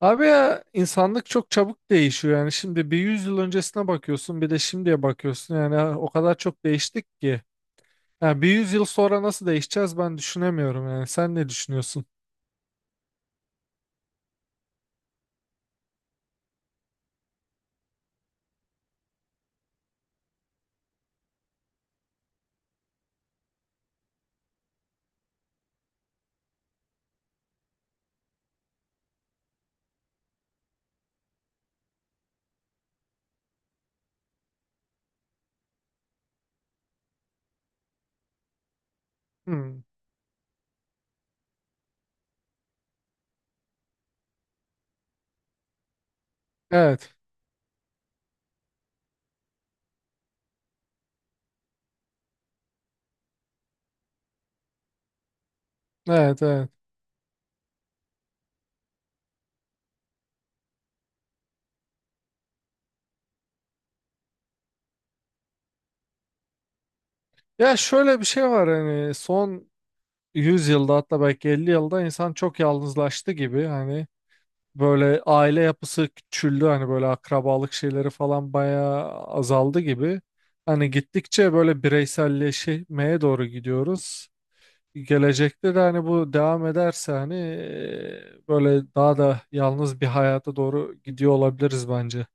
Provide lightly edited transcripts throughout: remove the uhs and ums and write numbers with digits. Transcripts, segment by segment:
Abi ya insanlık çok çabuk değişiyor yani şimdi bir yüz yıl öncesine bakıyorsun bir de şimdiye bakıyorsun yani o kadar çok değiştik ki. Yani bir yüz yıl sonra nasıl değişeceğiz ben düşünemiyorum yani sen ne düşünüyorsun? Hmm. Evet, evet, evet. Ya şöyle bir şey var hani son 100 yılda hatta belki 50 yılda insan çok yalnızlaştı gibi hani böyle aile yapısı küçüldü hani böyle akrabalık şeyleri falan bayağı azaldı gibi. Hani gittikçe böyle bireyselleşmeye doğru gidiyoruz. Gelecekte de hani bu devam ederse hani böyle daha da yalnız bir hayata doğru gidiyor olabiliriz bence.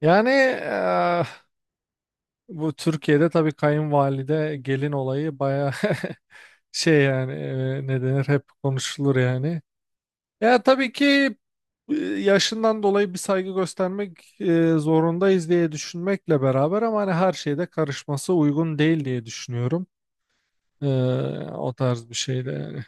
Yani bu Türkiye'de tabii kayınvalide gelin olayı baya şey yani ne denir hep konuşulur yani. Ya tabii ki yaşından dolayı bir saygı göstermek zorundayız diye düşünmekle beraber ama hani her şeyde karışması uygun değil diye düşünüyorum. E, O tarz bir şeyde yani.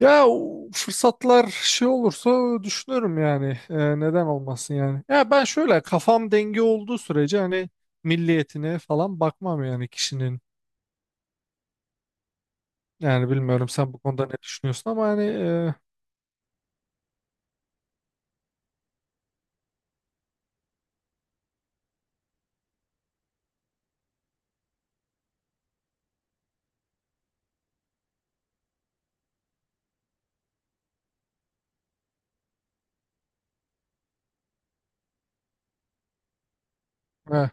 Ya o fırsatlar şey olursa düşünürüm yani. Neden olmasın yani. Ya ben şöyle kafam denge olduğu sürece hani milliyetine falan bakmam yani kişinin. Yani bilmiyorum sen bu konuda ne düşünüyorsun ama hani e,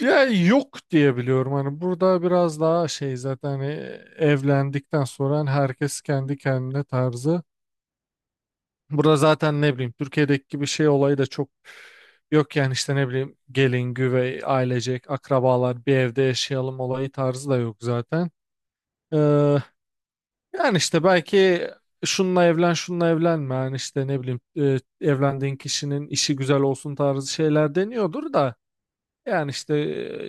ya yok diye biliyorum hani burada biraz daha şey zaten hani evlendikten sonra hani herkes kendi kendine tarzı. Burada zaten ne bileyim Türkiye'deki gibi şey olayı da çok yok yani işte ne bileyim gelin, güvey, ailecek, akrabalar bir evde yaşayalım olayı tarzı da yok zaten. Ee, Yani işte belki şununla evlen, şununla evlenme yani işte ne bileyim evlendiğin kişinin işi güzel olsun tarzı şeyler deniyordur da yani işte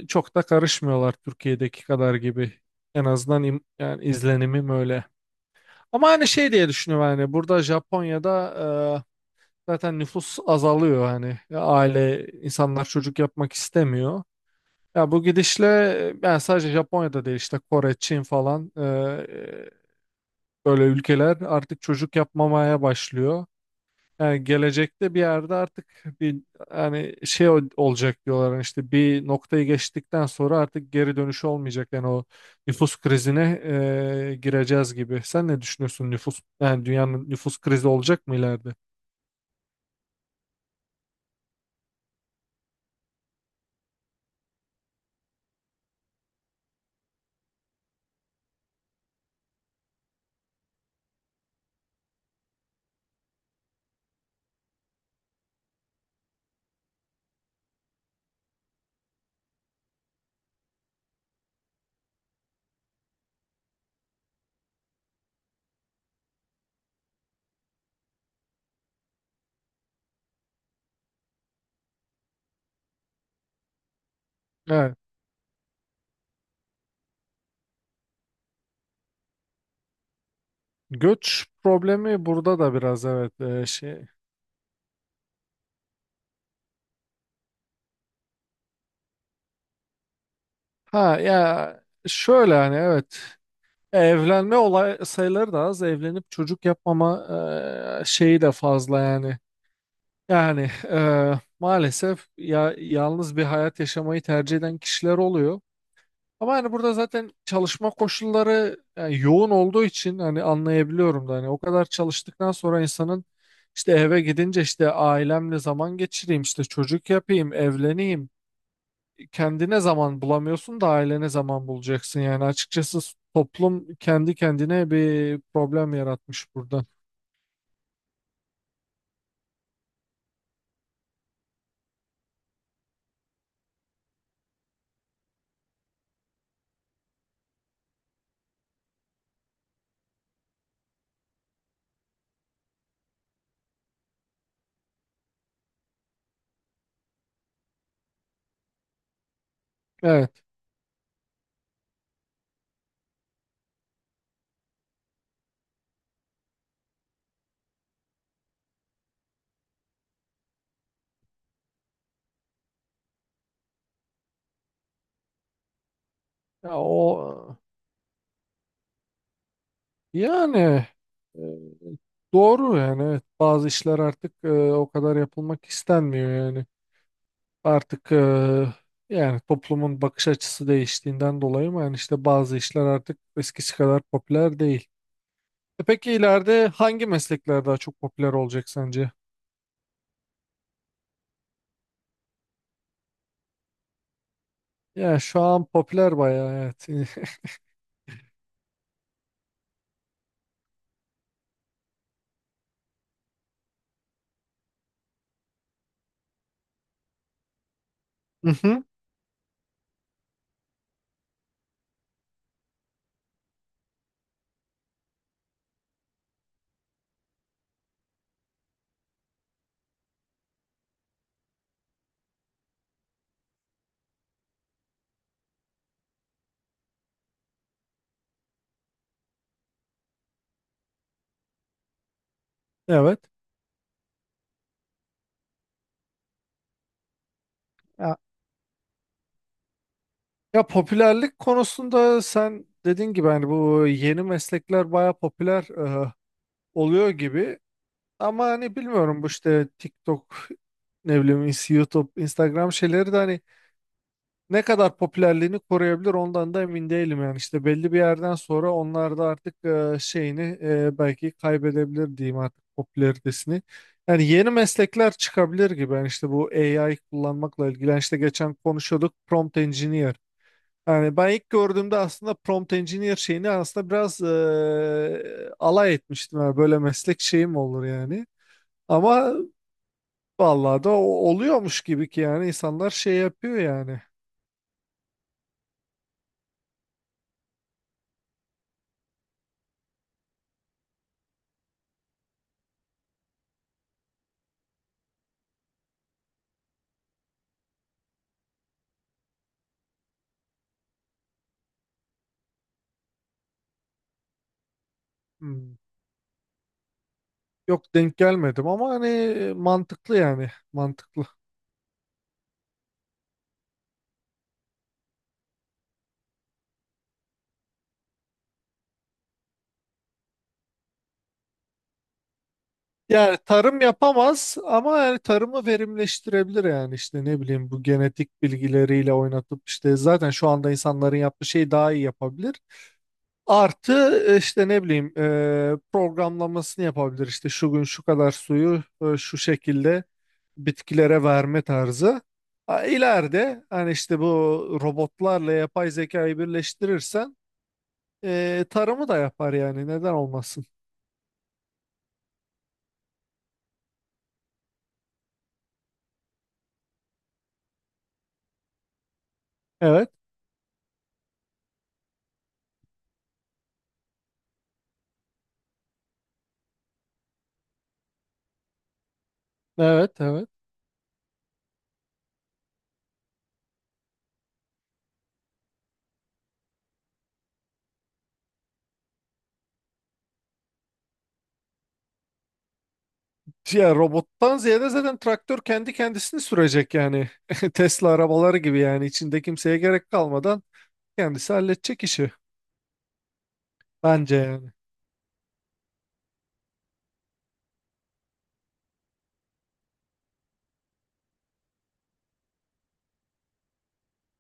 çok da karışmıyorlar Türkiye'deki kadar gibi. En azından yani izlenimim öyle. Ama hani şey diye düşünüyorum yani burada Japonya'da e, zaten nüfus azalıyor hani. Ya aile insanlar çocuk yapmak istemiyor. Ya bu gidişle yani sadece Japonya'da değil işte Kore, Çin falan böyle ülkeler artık çocuk yapmamaya başlıyor. Yani gelecekte bir yerde artık bir hani şey olacak diyorlar hani işte bir noktayı geçtikten sonra artık geri dönüşü olmayacak yani o nüfus krizine gireceğiz gibi. Sen ne düşünüyorsun nüfus yani dünyanın nüfus krizi olacak mı ileride? Yani göç problemi burada da biraz, evet, şey. Ha ya şöyle hani evet, evlenme olay sayıları da az, evlenip çocuk yapmama şeyi de fazla yani. Yani maalesef ya yalnız bir hayat yaşamayı tercih eden kişiler oluyor. Ama hani burada zaten çalışma koşulları yani yoğun olduğu için hani anlayabiliyorum da hani o kadar çalıştıktan sonra insanın işte eve gidince işte ailemle zaman geçireyim, işte çocuk yapayım, evleneyim. Kendine zaman bulamıyorsun da ailene zaman bulacaksın yani açıkçası toplum kendi kendine bir problem yaratmış burada. Evet. Ya o yani e, doğru yani, evet, bazı işler artık o kadar yapılmak istenmiyor yani. Artık yani toplumun bakış açısı değiştiğinden dolayı mı yani işte bazı işler artık eskisi kadar popüler değil. E peki ileride hangi meslekler daha çok popüler olacak sence? Ya şu an popüler bayağı, evet. Evet. Ya, Ya, popülerlik konusunda sen dediğin gibi hani bu yeni meslekler baya popüler e, oluyor gibi. Ama hani bilmiyorum bu işte TikTok, ne bileyim, YouTube, Instagram şeyleri de hani ne kadar popülerliğini koruyabilir ondan da emin değilim yani. İşte belli bir yerden sonra onlar da artık şeyini belki kaybedebilir diyeyim artık popülaritesini. Yani yeni meslekler çıkabilir gibi. Yani işte bu AI kullanmakla ilgili yani işte geçen konuşuyorduk prompt engineer. Yani ben ilk gördüğümde aslında prompt engineer şeyini aslında biraz alay etmiştim. Yani böyle meslek şeyi mi olur yani? Ama vallahi da oluyormuş gibi ki yani insanlar şey yapıyor yani. Hmm. Yok, denk gelmedim ama hani mantıklı yani, mantıklı. Yani tarım yapamaz ama yani tarımı verimleştirebilir yani işte ne bileyim bu genetik bilgileriyle oynatıp işte zaten şu anda insanların yaptığı şeyi daha iyi yapabilir. Artı işte ne bileyim, programlamasını yapabilir işte şu gün şu kadar suyu şu şekilde bitkilere verme tarzı. Ha, İleride hani işte bu robotlarla yapay zekayı birleştirirsen tarımı da yapar yani, neden olmasın. Evet, evet, evet. Ya robottan ziyade zaten traktör kendi kendisini sürecek yani. Tesla arabaları gibi yani içinde kimseye gerek kalmadan kendisi halledecek işi bence yani.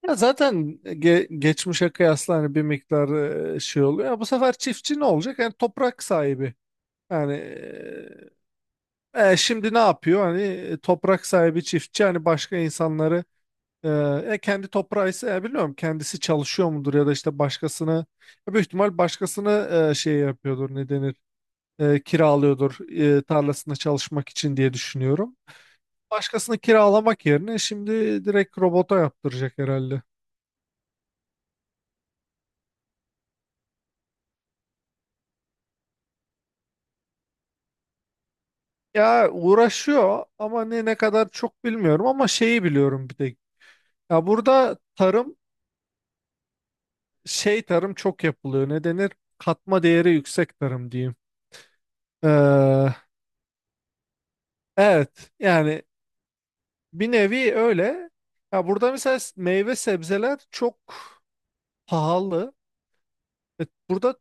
Ya zaten geçmişe kıyasla hani bir miktar şey oluyor. Ya bu sefer çiftçi ne olacak? Yani toprak sahibi. Yani şimdi ne yapıyor? Hani toprak sahibi çiftçi hani başka insanları e, kendi toprağı ise bilmiyorum kendisi çalışıyor mudur ya da işte başkasını, büyük ihtimal başkasını şey yapıyordur, ne denir? Kiralıyordur tarlasında çalışmak için diye düşünüyorum. Başkasını kiralamak yerine şimdi direkt robota yaptıracak herhalde. Ya uğraşıyor ama ne kadar çok bilmiyorum ama şeyi biliyorum bir tek. Ya burada tarım şey, tarım çok yapılıyor. Ne denir? Katma değeri yüksek tarım diyeyim. Ee, evet yani, bir nevi öyle. Ya burada mesela meyve sebzeler çok pahalı. Burada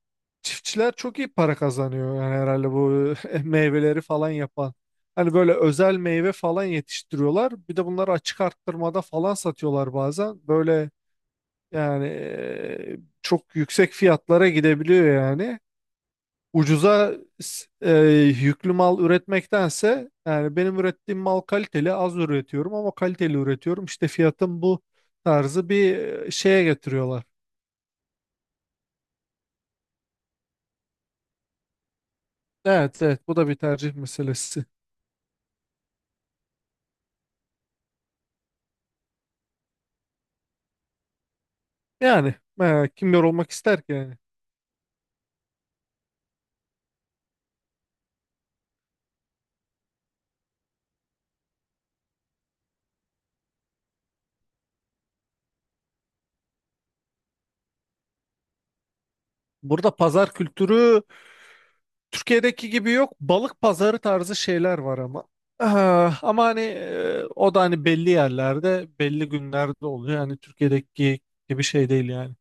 çiftçiler çok iyi para kazanıyor yani herhalde bu meyveleri falan yapan. Hani böyle özel meyve falan yetiştiriyorlar. Bir de bunları açık arttırmada falan satıyorlar bazen. Böyle. Yani çok yüksek fiyatlara gidebiliyor yani. Ucuza s- eee, yüklü mal üretmektense yani benim ürettiğim mal kaliteli, az üretiyorum ama kaliteli üretiyorum. İşte fiyatın bu tarzı bir şeye getiriyorlar. Evet, evet, bu da bir tercih meselesi. Yani kim yorulmak ister ki yani. Burada pazar kültürü Türkiye'deki gibi yok. Balık pazarı tarzı şeyler var ama. Ah, ama hani o da hani belli yerlerde, belli günlerde oluyor. Yani Türkiye'deki gibi şey değil yani.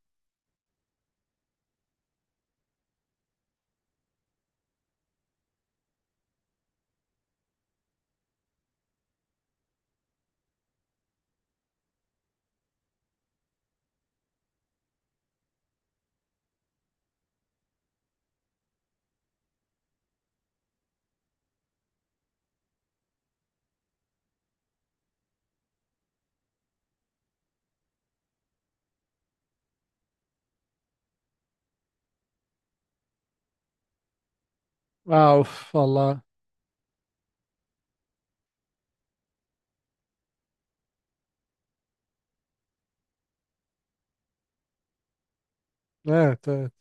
Aa, of, valla. Evet, evet.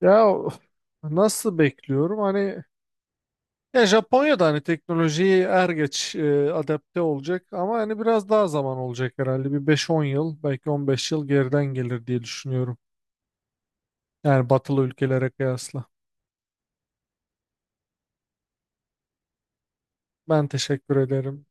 Ya of, nasıl bekliyorum? Hani, ya Japonya'da hani teknolojiyi er geç adapte olacak ama hani biraz daha zaman olacak herhalde. Bir beş on yıl, belki 15 yıl geriden gelir diye düşünüyorum. Yani batılı ülkelere kıyasla. Ben teşekkür ederim.